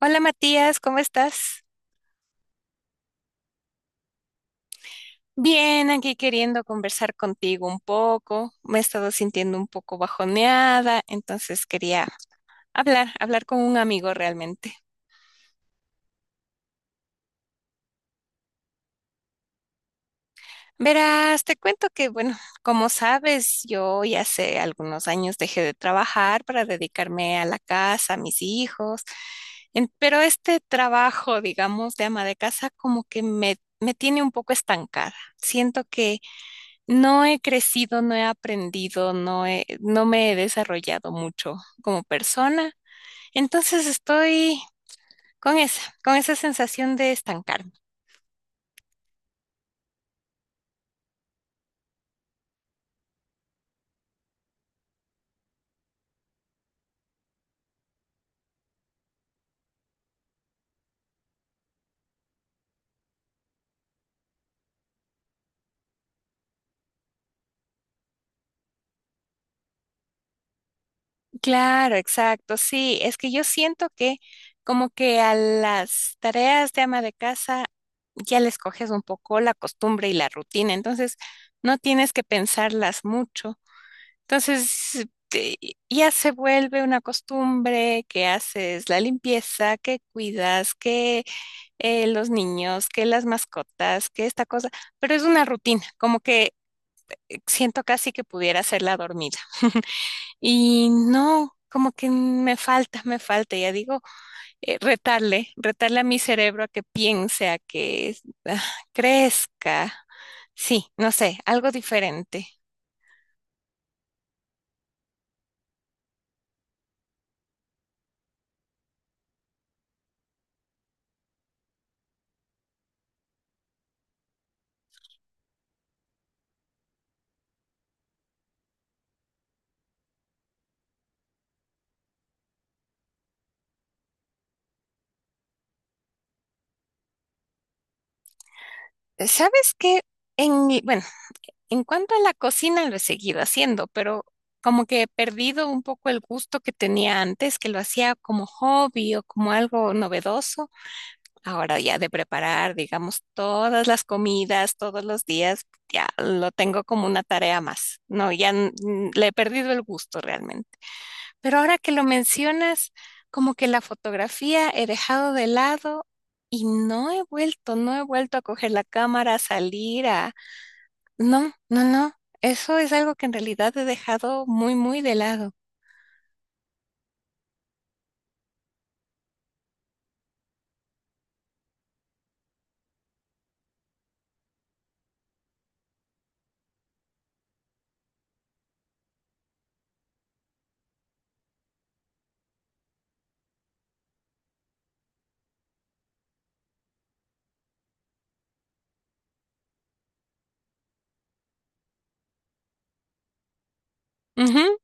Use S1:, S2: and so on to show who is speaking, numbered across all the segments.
S1: Hola Matías, ¿cómo estás? Bien, aquí queriendo conversar contigo un poco. Me he estado sintiendo un poco bajoneada, entonces quería hablar con un amigo realmente. Verás, te cuento que, bueno, como sabes, yo ya hace algunos años dejé de trabajar para dedicarme a la casa, a mis hijos, pero este trabajo, digamos, de ama de casa, como que me tiene un poco estancada. Siento que no he crecido, no he aprendido, no me he desarrollado mucho como persona. Entonces estoy con esa sensación de estancarme. Claro, exacto. Sí, es que yo siento que como que a las tareas de ama de casa ya les coges un poco la costumbre y la rutina, entonces no tienes que pensarlas mucho. Entonces, ya se vuelve una costumbre que haces la limpieza, que cuidas, que los niños, que las mascotas, que esta cosa, pero es una rutina, como que siento casi que pudiera hacerla dormida. Y no, como que me falta, ya digo, retarle a mi cerebro a que piense, a que ah, crezca. Sí, no sé, algo diferente. ¿Sabes qué? Bueno, en cuanto a la cocina, lo he seguido haciendo, pero como que he perdido un poco el gusto que tenía antes, que lo hacía como hobby o como algo novedoso. Ahora ya de preparar, digamos, todas las comidas, todos los días, ya lo tengo como una tarea más. No, ya le he perdido el gusto realmente. Pero ahora que lo mencionas, como que la fotografía he dejado de lado y no he vuelto a coger la cámara, a salir, a no, no, no. Eso es algo que en realidad he dejado muy, muy de lado. Ujú.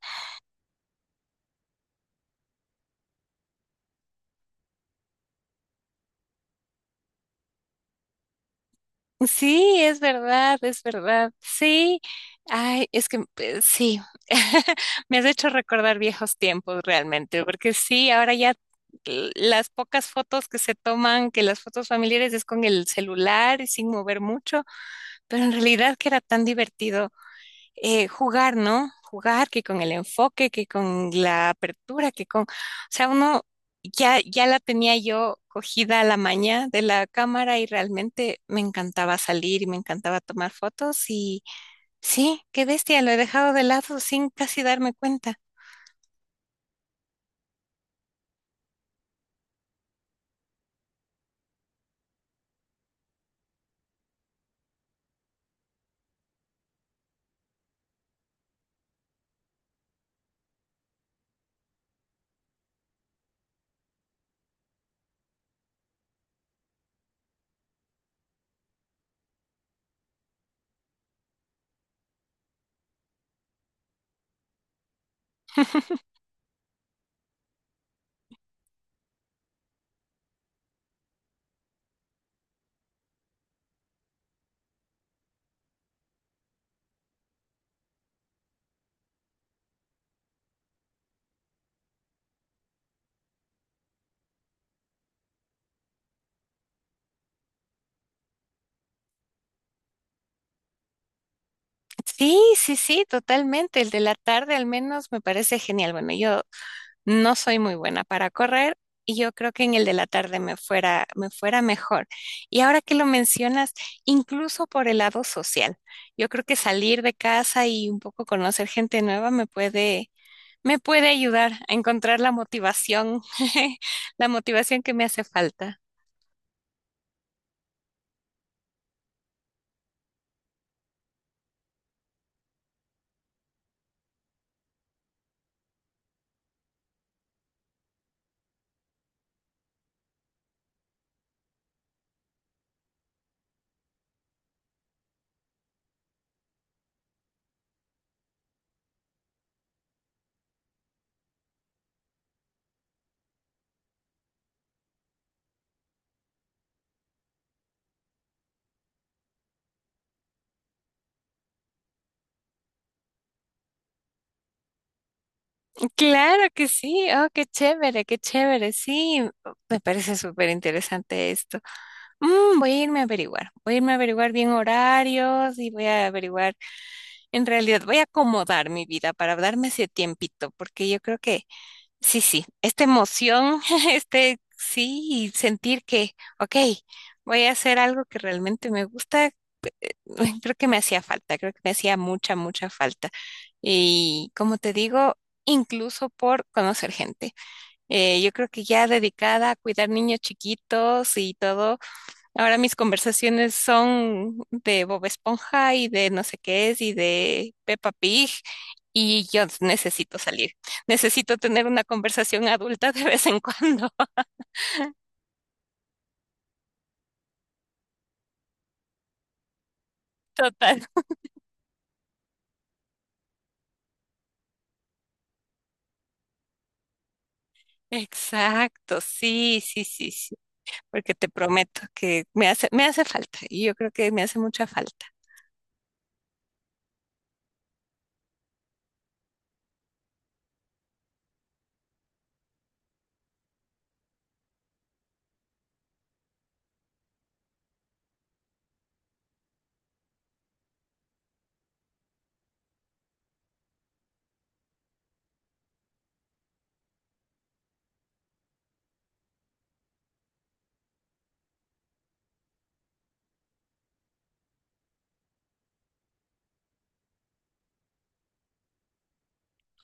S1: Sí, es verdad, es verdad. Sí. Ay, es que sí. Me has hecho recordar viejos tiempos realmente, porque sí, ahora ya las pocas fotos que se toman, que las fotos familiares es con el celular y sin mover mucho, pero en realidad que era tan divertido. Jugar, ¿no? Jugar que con el enfoque, que con la apertura, que con, o sea, uno ya la tenía yo cogida a la maña de la cámara y realmente me encantaba salir y me encantaba tomar fotos y sí, qué bestia, lo he dejado de lado sin casi darme cuenta. Sí, sí, sí, totalmente. El de la tarde al menos me parece genial. Bueno, yo no soy muy buena para correr y yo creo que en el de la tarde me fuera mejor. Y ahora que lo mencionas, incluso por el lado social, yo creo que salir de casa y un poco conocer gente nueva me puede ayudar a encontrar la motivación, la motivación que me hace falta. Claro que sí, oh, qué chévere, sí, me parece súper interesante esto. Mm, voy a irme a averiguar, voy a irme a averiguar bien horarios y voy a averiguar. En realidad voy a acomodar mi vida para darme ese tiempito, porque yo creo que sí, sí, esta emoción, este sí, y sentir que, ok, voy a hacer algo que realmente me gusta, creo que me hacía falta, creo que me hacía mucha, mucha falta. Y como te digo, incluso por conocer gente. Yo creo que ya dedicada a cuidar niños chiquitos y todo, ahora mis conversaciones son de Bob Esponja y de no sé qué es y de Peppa Pig y yo necesito salir. Necesito tener una conversación adulta de vez en cuando. Total. Exacto, sí, sí, sí, sí. Porque te prometo que me hace falta y yo creo que me hace mucha falta.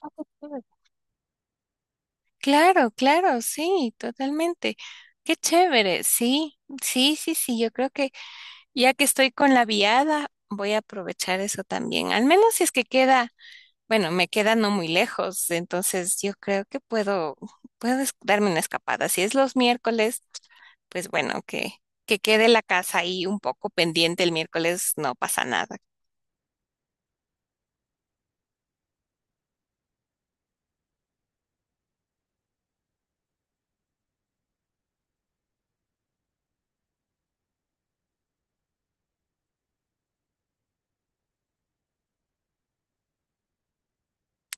S1: Ah, qué chévere. Claro, claro, sí, totalmente. Qué chévere, sí, sí, sí, sí, yo creo que ya que estoy con la viada, voy a aprovechar eso también, al menos si es que queda. Bueno, me queda no muy lejos, entonces yo creo que puedo darme una escapada. Si es los miércoles, pues bueno, que quede la casa ahí un poco pendiente el miércoles, no pasa nada.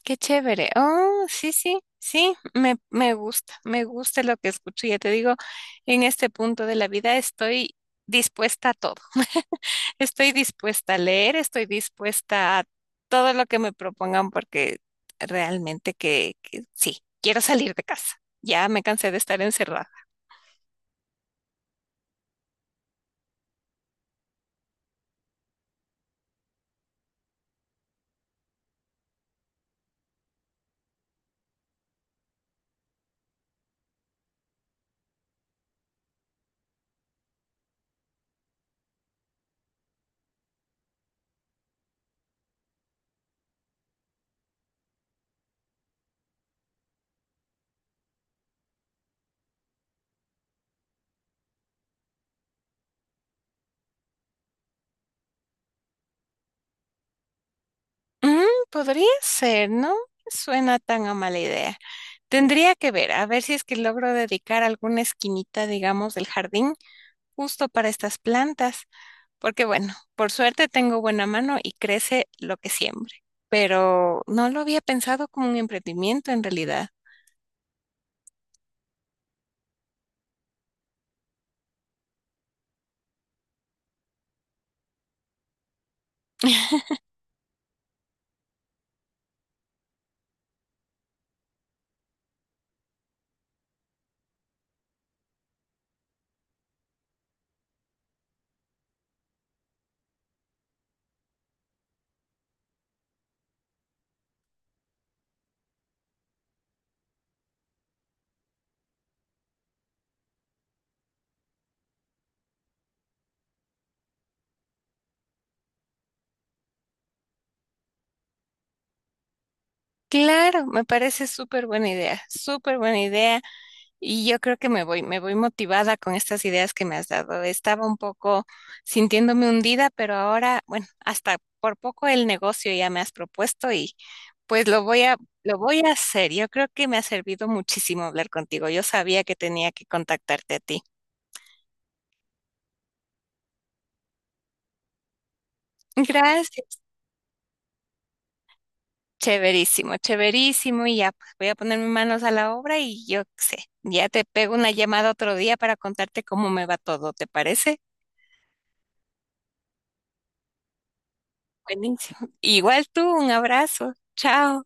S1: Qué chévere. Oh, sí, sí, sí, me gusta lo que escucho. Ya te digo, en este punto de la vida estoy dispuesta a todo. Estoy dispuesta a leer, estoy dispuesta a todo lo que me propongan porque realmente que sí, quiero salir de casa. Ya me cansé de estar encerrada. Mm, podría ser, ¿no? Suena tan a mala idea. Tendría que ver, a ver si es que logro dedicar alguna esquinita, digamos, del jardín justo para estas plantas, porque bueno, por suerte tengo buena mano y crece lo que siembre, pero no lo había pensado como un emprendimiento en realidad. Claro, me parece súper buena idea, súper buena idea. Y yo creo que me voy motivada con estas ideas que me has dado. Estaba un poco sintiéndome hundida, pero ahora, bueno, hasta por poco el negocio ya me has propuesto y pues lo voy a hacer. Yo creo que me ha servido muchísimo hablar contigo. Yo sabía que tenía que contactarte a ti. Gracias. Chéverísimo, chéverísimo. Y ya pues, voy a poner mis manos a la obra y yo qué sé, ya te pego una llamada otro día para contarte cómo me va todo, ¿te parece? Buenísimo. Igual tú, un abrazo. Chao.